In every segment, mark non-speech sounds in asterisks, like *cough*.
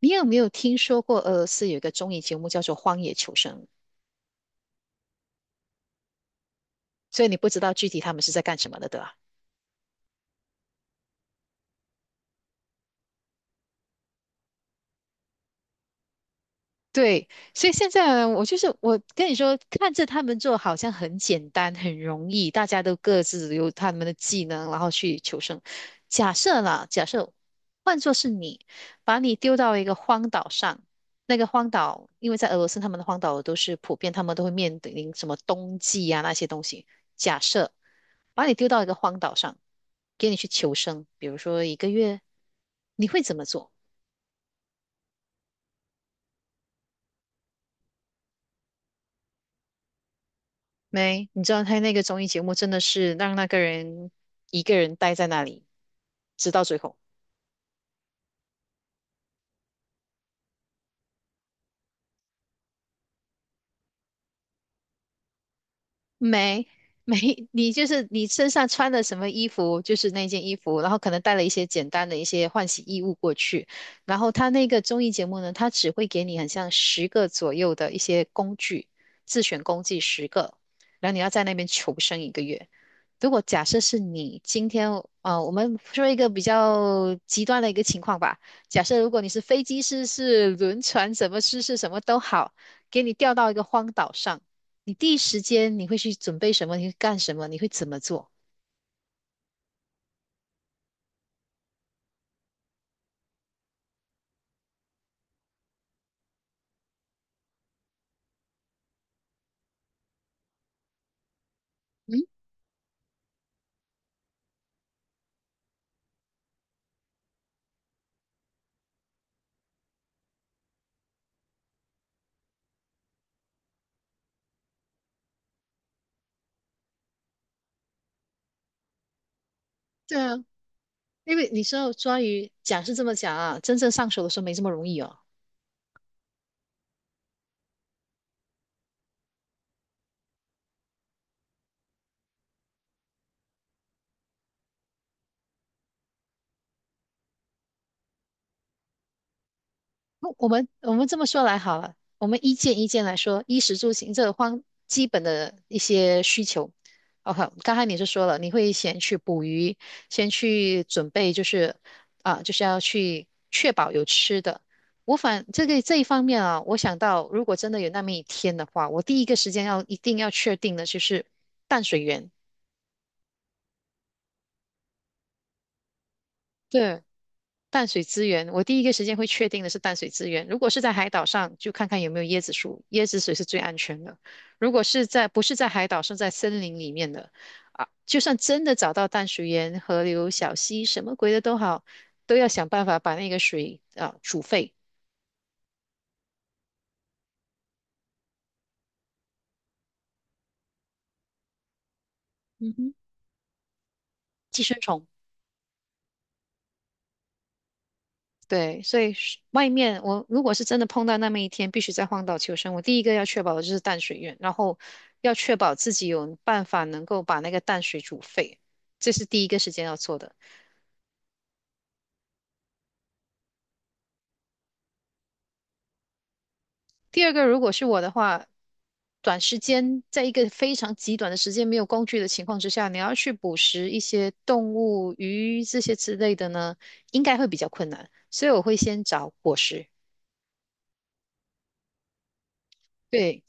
你有没有听说过俄罗斯有一个综艺节目叫做《荒野求生》？所以你不知道具体他们是在干什么的，对吧？对，所以现在呢我就是我跟你说，看着他们做好像很简单、很容易，大家都各自有他们的技能，然后去求生。假设换作是你，把你丢到一个荒岛上，那个荒岛，因为在俄罗斯他们的荒岛都是普遍，他们都会面临什么冬季啊那些东西。假设把你丢到一个荒岛上，给你去求生，比如说一个月，你会怎么做？没，你知道他那个综艺节目真的是让那个人一个人待在那里，直到最后。没 *laughs* 没，你就是你身上穿的什么衣服，就是那件衣服，然后可能带了一些简单的一些换洗衣物过去。然后他那个综艺节目呢，他只会给你很像十个左右的一些工具，自选工具十个，然后你要在那边求生一个月。如果假设是你今天，啊，我们说一个比较极端的一个情况吧，假设如果你是飞机失事、轮船什么失事什么都好，给你调到一个荒岛上。你第一时间你会去准备什么？你会干什么？你会怎么做？嗯，对啊，因为你知道抓鱼讲是这么讲啊，真正上手的时候没这么容易哦。不，我们这么说来好了，我们一件一件来说，衣食住行这个方基本的一些需求。OK，刚才你是说了，你会先去捕鱼，先去准备，就是啊，就是要去确保有吃的。我反这一方面啊，我想到如果真的有那么一天的话，我第一个时间一定要确定的就是淡水源。对。淡水资源，我第一个时间会确定的是淡水资源。如果是在海岛上，就看看有没有椰子树，椰子水是最安全的。如果是在不是在海岛，是在森林里面的，啊，就算真的找到淡水源、河流、小溪，什么鬼的都好，都要想办法把那个水啊煮沸。嗯哼，寄生虫。对，所以是外面我如果是真的碰到那么一天，必须在荒岛求生，我第一个要确保的就是淡水源，然后要确保自己有办法能够把那个淡水煮沸，这是第一个时间要做的。第二个，如果是我的话，短时间在一个非常极短的时间没有工具的情况之下，你要去捕食一些动物、鱼这些之类的呢，应该会比较困难，所以我会先找果实。对。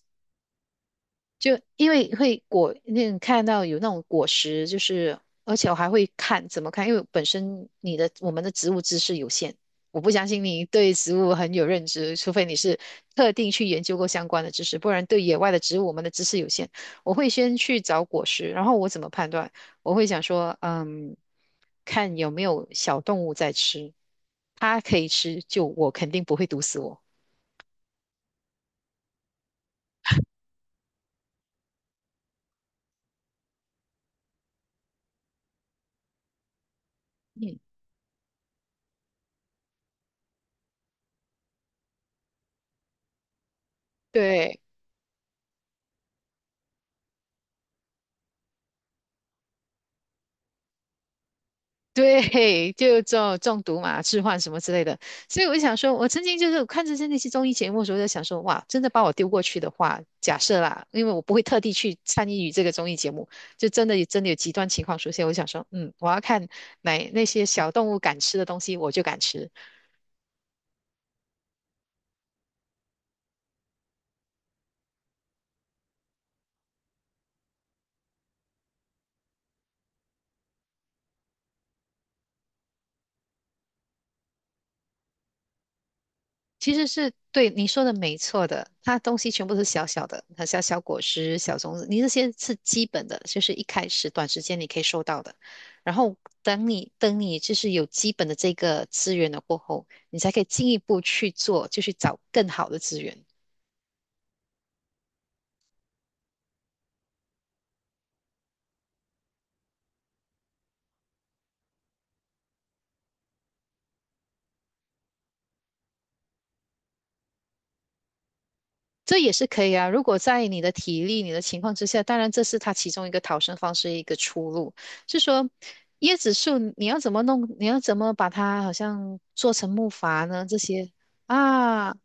就因为会果那种看到有那种果实，就是而且我还会看怎么看，因为本身你的我们的植物知识有限，我不相信你对植物很有认知，除非你是特定去研究过相关的知识，不然对野外的植物我们的知识有限。我会先去找果实，然后我怎么判断？我会想说，看有没有小动物在吃，它可以吃，就我肯定不会毒死我。嗯，对。对，就中毒嘛，置换什么之类的。所以我就想说，我曾经就是看着那些综艺节目的时候，我就想说，哇，真的把我丢过去的话，假设啦，因为我不会特地去参与这个综艺节目，就真的有极端情况出现，我就想说，我要看那些小动物敢吃的东西，我就敢吃；其实是对你说的没错的，它东西全部都是小小的，它小小果实、小种子，你这些是基本的，就是一开始短时间你可以收到的。然后等你就是有基本的这个资源了过后，你才可以进一步去做，就去找更好的资源。这也是可以啊，如果在你的体力、你的情况之下，当然这是它其中一个逃生方式、一个出路。是说椰子树你要怎么弄？你要怎么把它好像做成木筏呢？这些啊。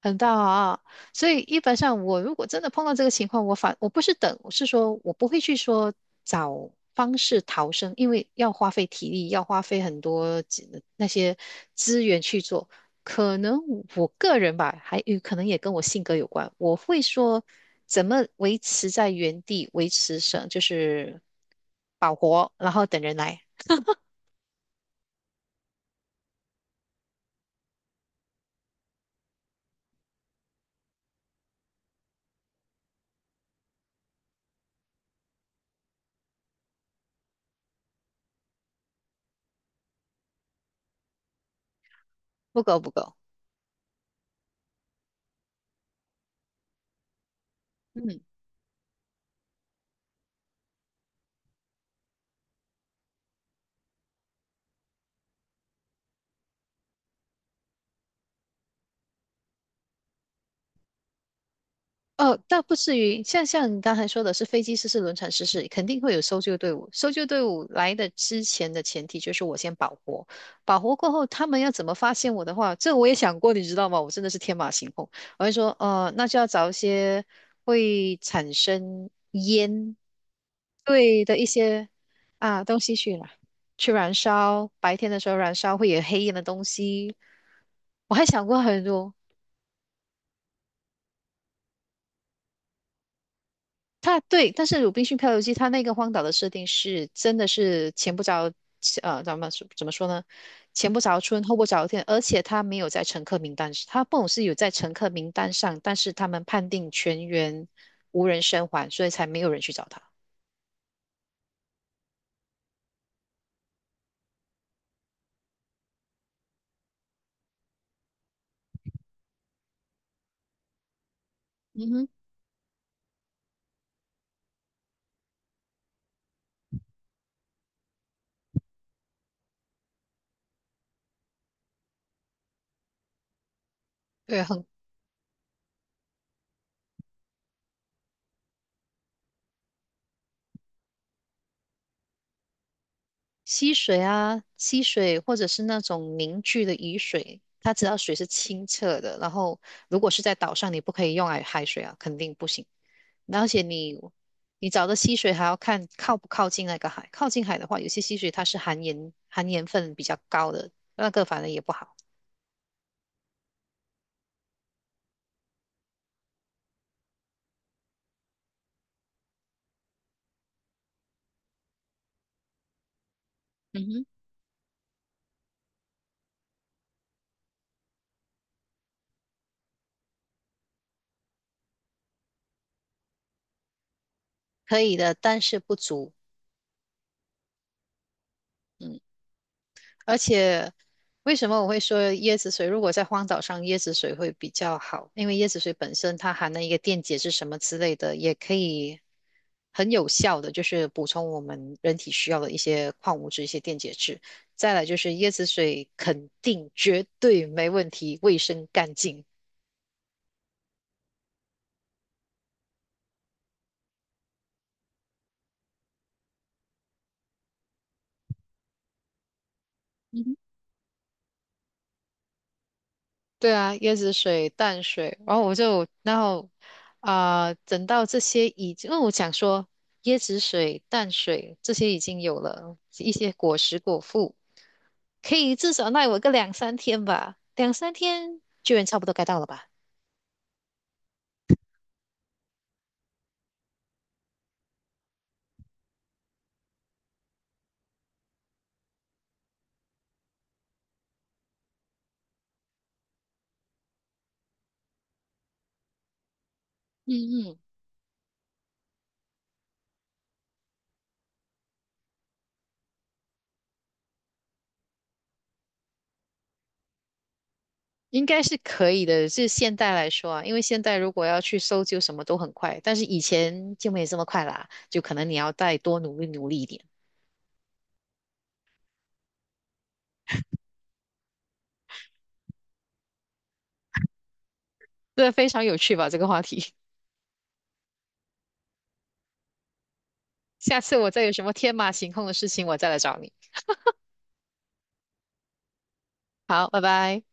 很大啊，所以一般上我如果真的碰到这个情况，我反我不是等，我是说我不会去说找方式逃生，因为要花费体力，要花费很多资那些资源去做。可能我个人吧，还有可能也跟我性格有关，我会说怎么维持在原地，维持生就是保活，然后等人来，不够不够，嗯。哦，倒不至于，像你刚才说的是飞机失事、轮船失事，肯定会有搜救队伍。搜救队伍来的之前的前提就是我先保活，保活过后，他们要怎么发现我的话，这我也想过，你知道吗？我真的是天马行空，我会说，那就要找一些会产生嗯对的一些啊东西去了，去燃烧，白天的时候燃烧会有黑烟的东西，我还想过很多。它对，但是《鲁滨逊漂流记》它那个荒岛的设定是真的是前不着咱们说怎么说呢？前不着村后不着店，而且它没有在乘客名单，它不是有在乘客名单上，但是他们判定全员无人生还，所以才没有人去找他。嗯哼，对，溪水啊，溪水或者是那种凝聚的雨水，他只要水是清澈的，然后如果是在岛上，你不可以用来海水啊，肯定不行。而且你找的溪水还要看靠不靠近那个海，靠近海的话，有些溪水它是含盐分比较高的，那个反正也不好。嗯哼，可以的，但是不足。嗯。而且为什么我会说椰子水？如果在荒岛上，椰子水会比较好，因为椰子水本身它含了一个电解质什么之类的，也可以很有效的就是补充我们人体需要的一些矿物质、一些电解质。再来就是椰子水肯定绝对没问题，卫生干净。对啊，椰子水、淡水，然后我就，然后啊、等到这些已经，因为我想说椰子水、淡水这些已经有了一些果实果腹，可以至少耐我个两三天吧，两三天救援差不多该到了吧？嗯嗯，应该是可以的。就现代来说啊，因为现代如果要去搜救什么都很快，但是以前就没这么快啦，就可能你要再多努力努力一点。对，非常有趣吧，这个话题。下次我再有什么天马行空的事情，我再来找你。好，拜拜。